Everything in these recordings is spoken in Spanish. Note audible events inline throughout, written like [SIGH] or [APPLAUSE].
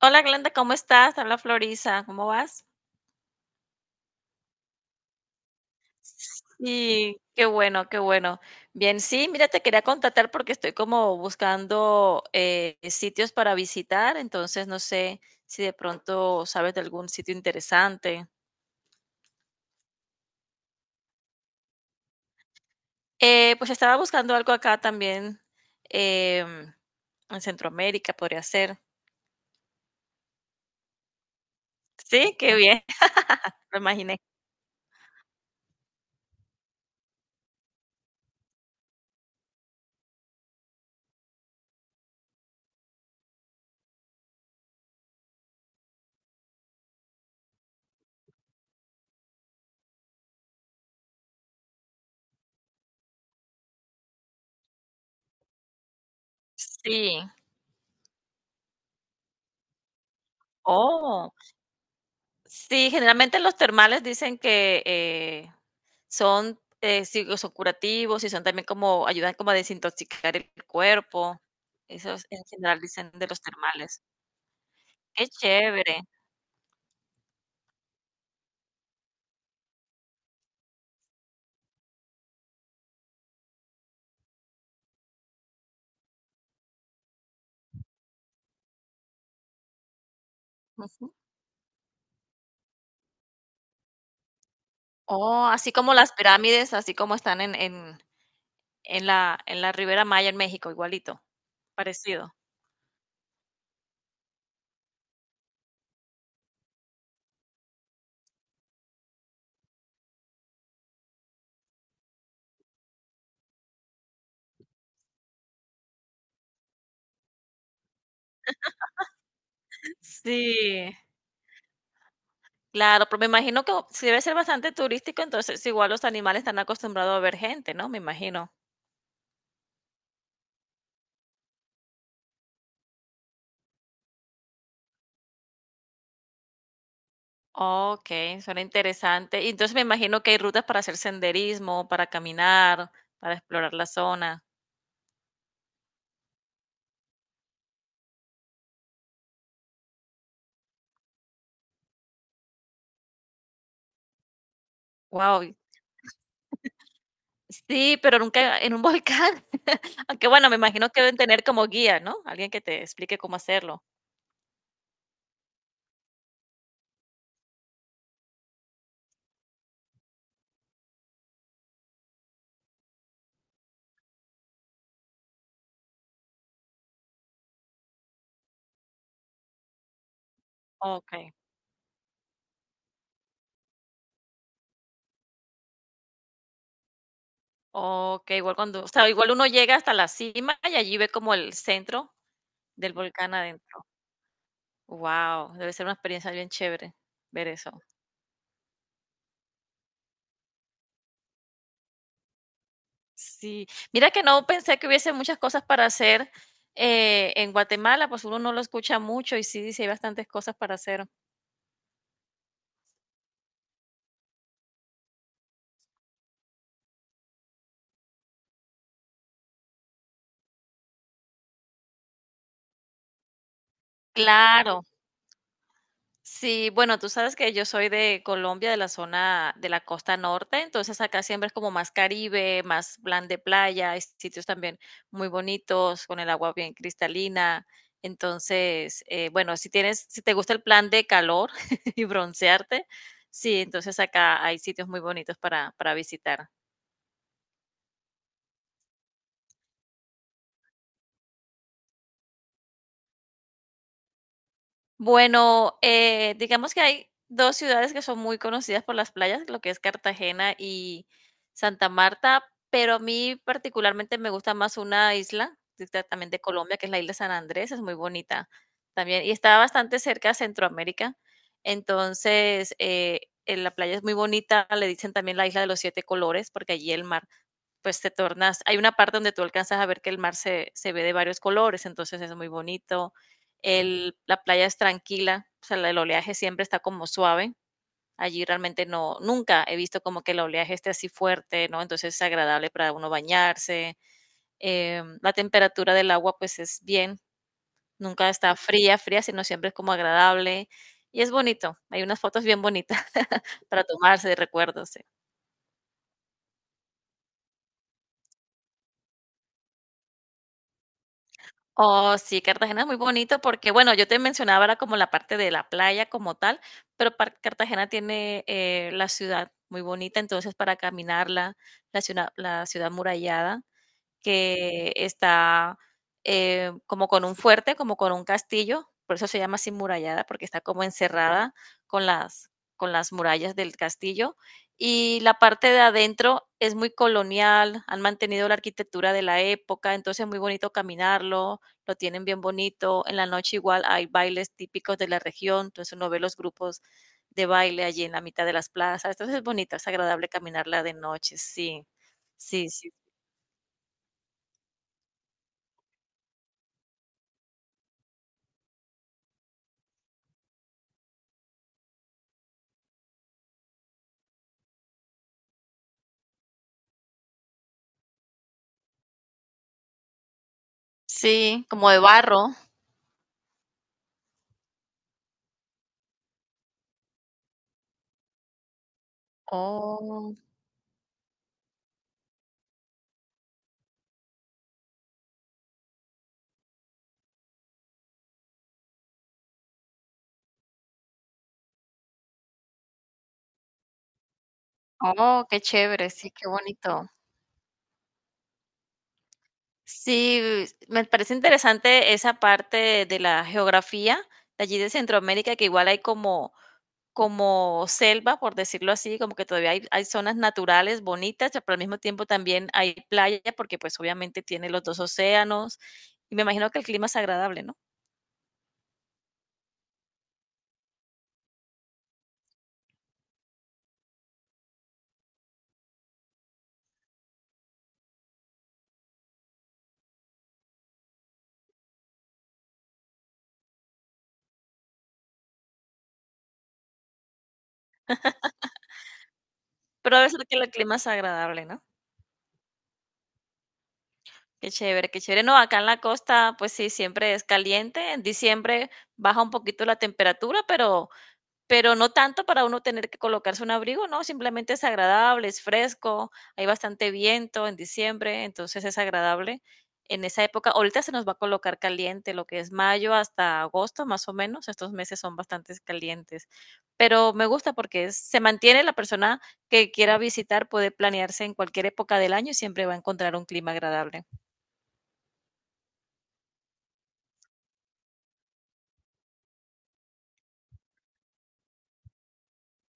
Hola Glenda, ¿cómo estás? Habla Florisa, ¿cómo vas? Sí, qué bueno, qué bueno. Bien, sí, mira, te quería contactar porque estoy como buscando sitios para visitar, entonces no sé si de pronto sabes de algún sitio interesante. Pues estaba buscando algo acá también em, en Centroamérica, podría ser. Sí, qué bien, [LAUGHS] lo imaginé. Sí. Oh. Sí, generalmente los termales dicen que, son, sí, son curativos y son también como ayudan como a desintoxicar el cuerpo. Eso es, en general dicen de los termales. Qué chévere. Ujú. Oh, así como las pirámides, así como están en la Ribera Maya en México, igualito, parecido. Sí, claro, pero me imagino que si debe ser bastante turístico, entonces igual los animales están acostumbrados a ver gente, ¿no? Me imagino. Okey, suena interesante. Y entonces me imagino que hay rutas para hacer senderismo, para caminar, para explorar la zona. Wow. Sí, pero nunca en un volcán. [LAUGHS] Aunque bueno, me imagino que deben tener como guía, ¿no? Alguien que te explique cómo hacerlo. Okey, Okey, igual cuando o sea, igual uno llega hasta la cima y allí ve como el centro del volcán adentro. Wow. Debe ser una experiencia bien chévere ver eso. Sí, mira que no pensé que hubiese muchas cosas para hacer en Guatemala, pues uno no lo escucha mucho y sí, dice hay bastantes cosas para hacer. Claro, sí, bueno, tú sabes que yo soy de Colombia, de la zona de la costa norte, entonces acá siempre es como más Caribe, más plan de playa, hay sitios también muy bonitos, con el agua bien cristalina. Entonces, bueno, si tienes, si te gusta el plan de calor [LAUGHS] y broncearte, sí, entonces acá hay sitios muy bonitos para visitar. Bueno, digamos que hay dos ciudades que son muy conocidas por las playas, lo que es Cartagena y Santa Marta, pero a mí particularmente me gusta más una isla, exactamente Colombia, que es la isla San Andrés, es muy bonita también y está bastante cerca a Centroamérica. Entonces, la playa es muy bonita, le dicen también la isla de los siete colores, porque allí el mar pues te tornas, hay una parte donde tú alcanzas a ver que el mar se ve de varios colores, entonces es muy bonito. La playa es tranquila, o sea, el oleaje siempre está como suave. Allí realmente no, nunca he visto como que el oleaje esté así fuerte, ¿no? Entonces es agradable para uno bañarse. La temperatura del agua pues es bien, nunca está fría, sino siempre es como agradable y es bonito. Hay unas fotos bien bonitas [LAUGHS] para tomarse de recuerdos. Sí. Oh, sí, Cartagena es muy bonito porque, bueno, yo te mencionaba era como la parte de la playa como tal, pero par- Cartagena tiene la ciudad muy bonita, entonces para caminarla, la ciudad murallada que está como con un fuerte, como con un castillo, por eso se llama así murallada, porque está como encerrada con las, con las murallas del castillo. Y la parte de adentro es muy colonial, han mantenido la arquitectura de la época, entonces es muy bonito caminarlo, lo tienen bien bonito. En la noche igual hay bailes típicos de la región, entonces uno ve los grupos de baile allí en la mitad de las plazas, entonces es bonito, es agradable caminarla de noche, sí, sí, como de barro. Oh, oh, qué chévere, sí, qué bonito. Sí, me parece interesante esa parte de la geografía de allí de Centroamérica, que igual hay como como selva, por decirlo así, como que todavía hay zonas naturales bonitas, pero al mismo tiempo también hay playa, porque pues obviamente tiene los dos océanos, y me imagino que el clima es agradable, ¿no? Pero debe ser que el clima es agradable, ¿no? Qué chévere, qué chévere. No, acá en la costa, pues sí, siempre es caliente. En diciembre baja un poquito la temperatura, pero no tanto para uno tener que colocarse un abrigo, no, simplemente es agradable, es fresco, hay bastante viento en diciembre, entonces es agradable en esa época. Ahorita se nos va a colocar caliente, lo que es mayo hasta agosto, más o menos. Estos meses son bastante calientes, pero me gusta porque es- se mantiene la persona que quiera visitar, puede planearse en cualquier época del año y siempre va a encontrar un clima agradable.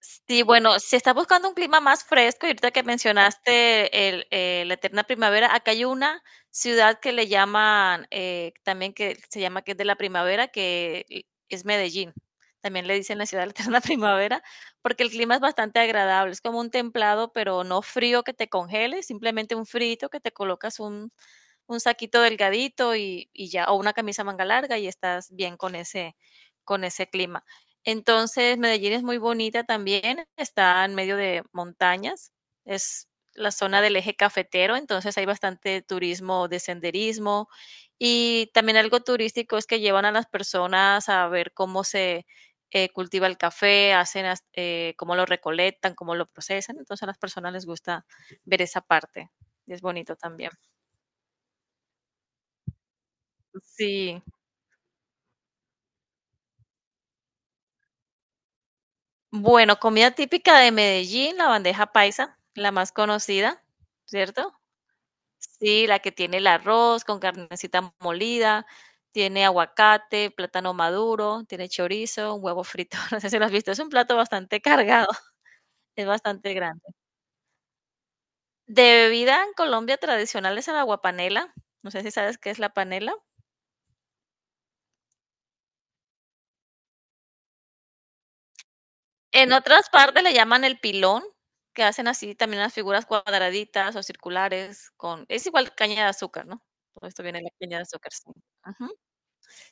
Sí, bueno, si estás buscando un clima más fresco, y ahorita que mencionaste la eterna primavera, acá hay una ciudad que le llaman, también que se llama que es de la primavera, que es Medellín. También le dicen la ciudad de la eterna [LAUGHS] primavera, porque el clima es bastante agradable. Es como un templado, pero no frío que te congele, simplemente un frito que te colocas un saquito delgadito y ya, o una camisa manga larga y estás bien con ese clima. Entonces, Medellín es muy bonita también, está en medio de montañas, es la zona del eje cafetero, entonces hay bastante turismo de senderismo y también algo turístico es que llevan a las personas a ver cómo se cultiva el café, hacen as- cómo lo recolectan, cómo lo procesan, entonces a las personas les gusta ver esa parte y es bonito también. Sí. Bueno, comida típica de Medellín, la bandeja paisa, la más conocida, ¿cierto? Sí, la que tiene el arroz con carnecita molida, tiene aguacate, plátano maduro, tiene chorizo, un huevo frito. [LAUGHS] No sé si lo has visto, es un plato bastante [LAUGHS] cargado, es bastante grande. De bebida en Colombia tradicional es el agua. No sé si sabes qué es la panela. En otras partes le llaman el pilón, que hacen así también las figuras cuadraditas o circulares con es igual caña de azúcar, ¿no? Todo esto viene de la caña de azúcar, sí. Ujú.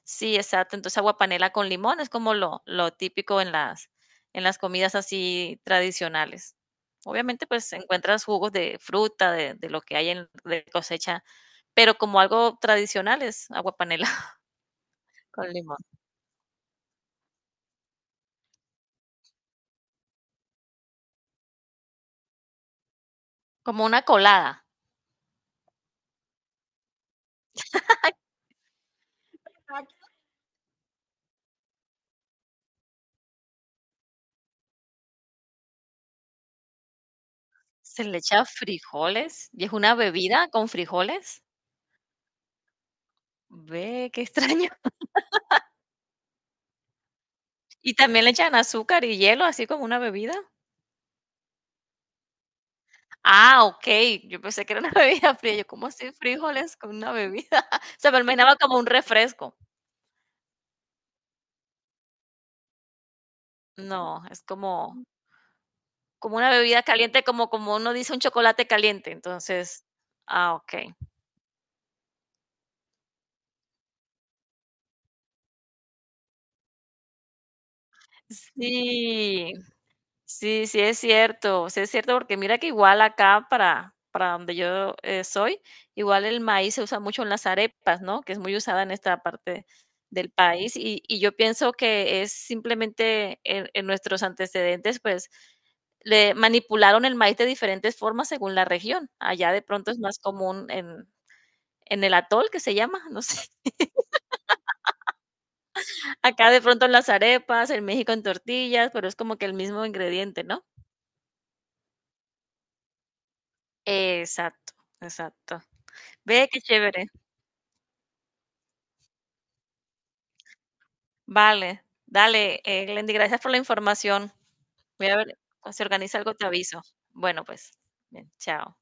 Sí, exacto. Entonces, aguapanela con limón es como lo típico en las comidas así tradicionales. Obviamente, pues, encuentras jugos de fruta, de lo que hay en de cosecha, pero como algo tradicional es aguapanela [LAUGHS] con limón. Como una colada, se le echa frijoles, y es una bebida con frijoles. Ve, qué extraño. [LAUGHS] ¿Y también le echan azúcar y hielo, así como una bebida? Ah, okey, yo pensé que era una [LAUGHS] bebida fría, yo, ¿cómo así frijoles con una bebida? [LAUGHS] O sea, me lo imaginaba como un refresco. No, es como como una bebida caliente, como como uno dice un chocolate caliente, entonces ah, okey. Sí. Sí, sí es cierto, porque mira que igual acá para donde yo soy, igual el maíz se usa mucho en las arepas, ¿no? Que es muy usada en esta parte del país y yo pienso que es simplemente en nuestros antecedentes, pues le manipularon el maíz de diferentes formas según la región. Allá de pronto es más común en el atol que se llama, no sé. [LAUGHS] Acá de pronto en las arepas, en México en tortillas, pero es como que el mismo ingrediente, ¿no? Exacto, exacto. Ve, qué chévere. Vale, dale, Glendy, gracias por la información. Voy a ver, si organiza algo te aviso. Bueno, pues, bien, chao.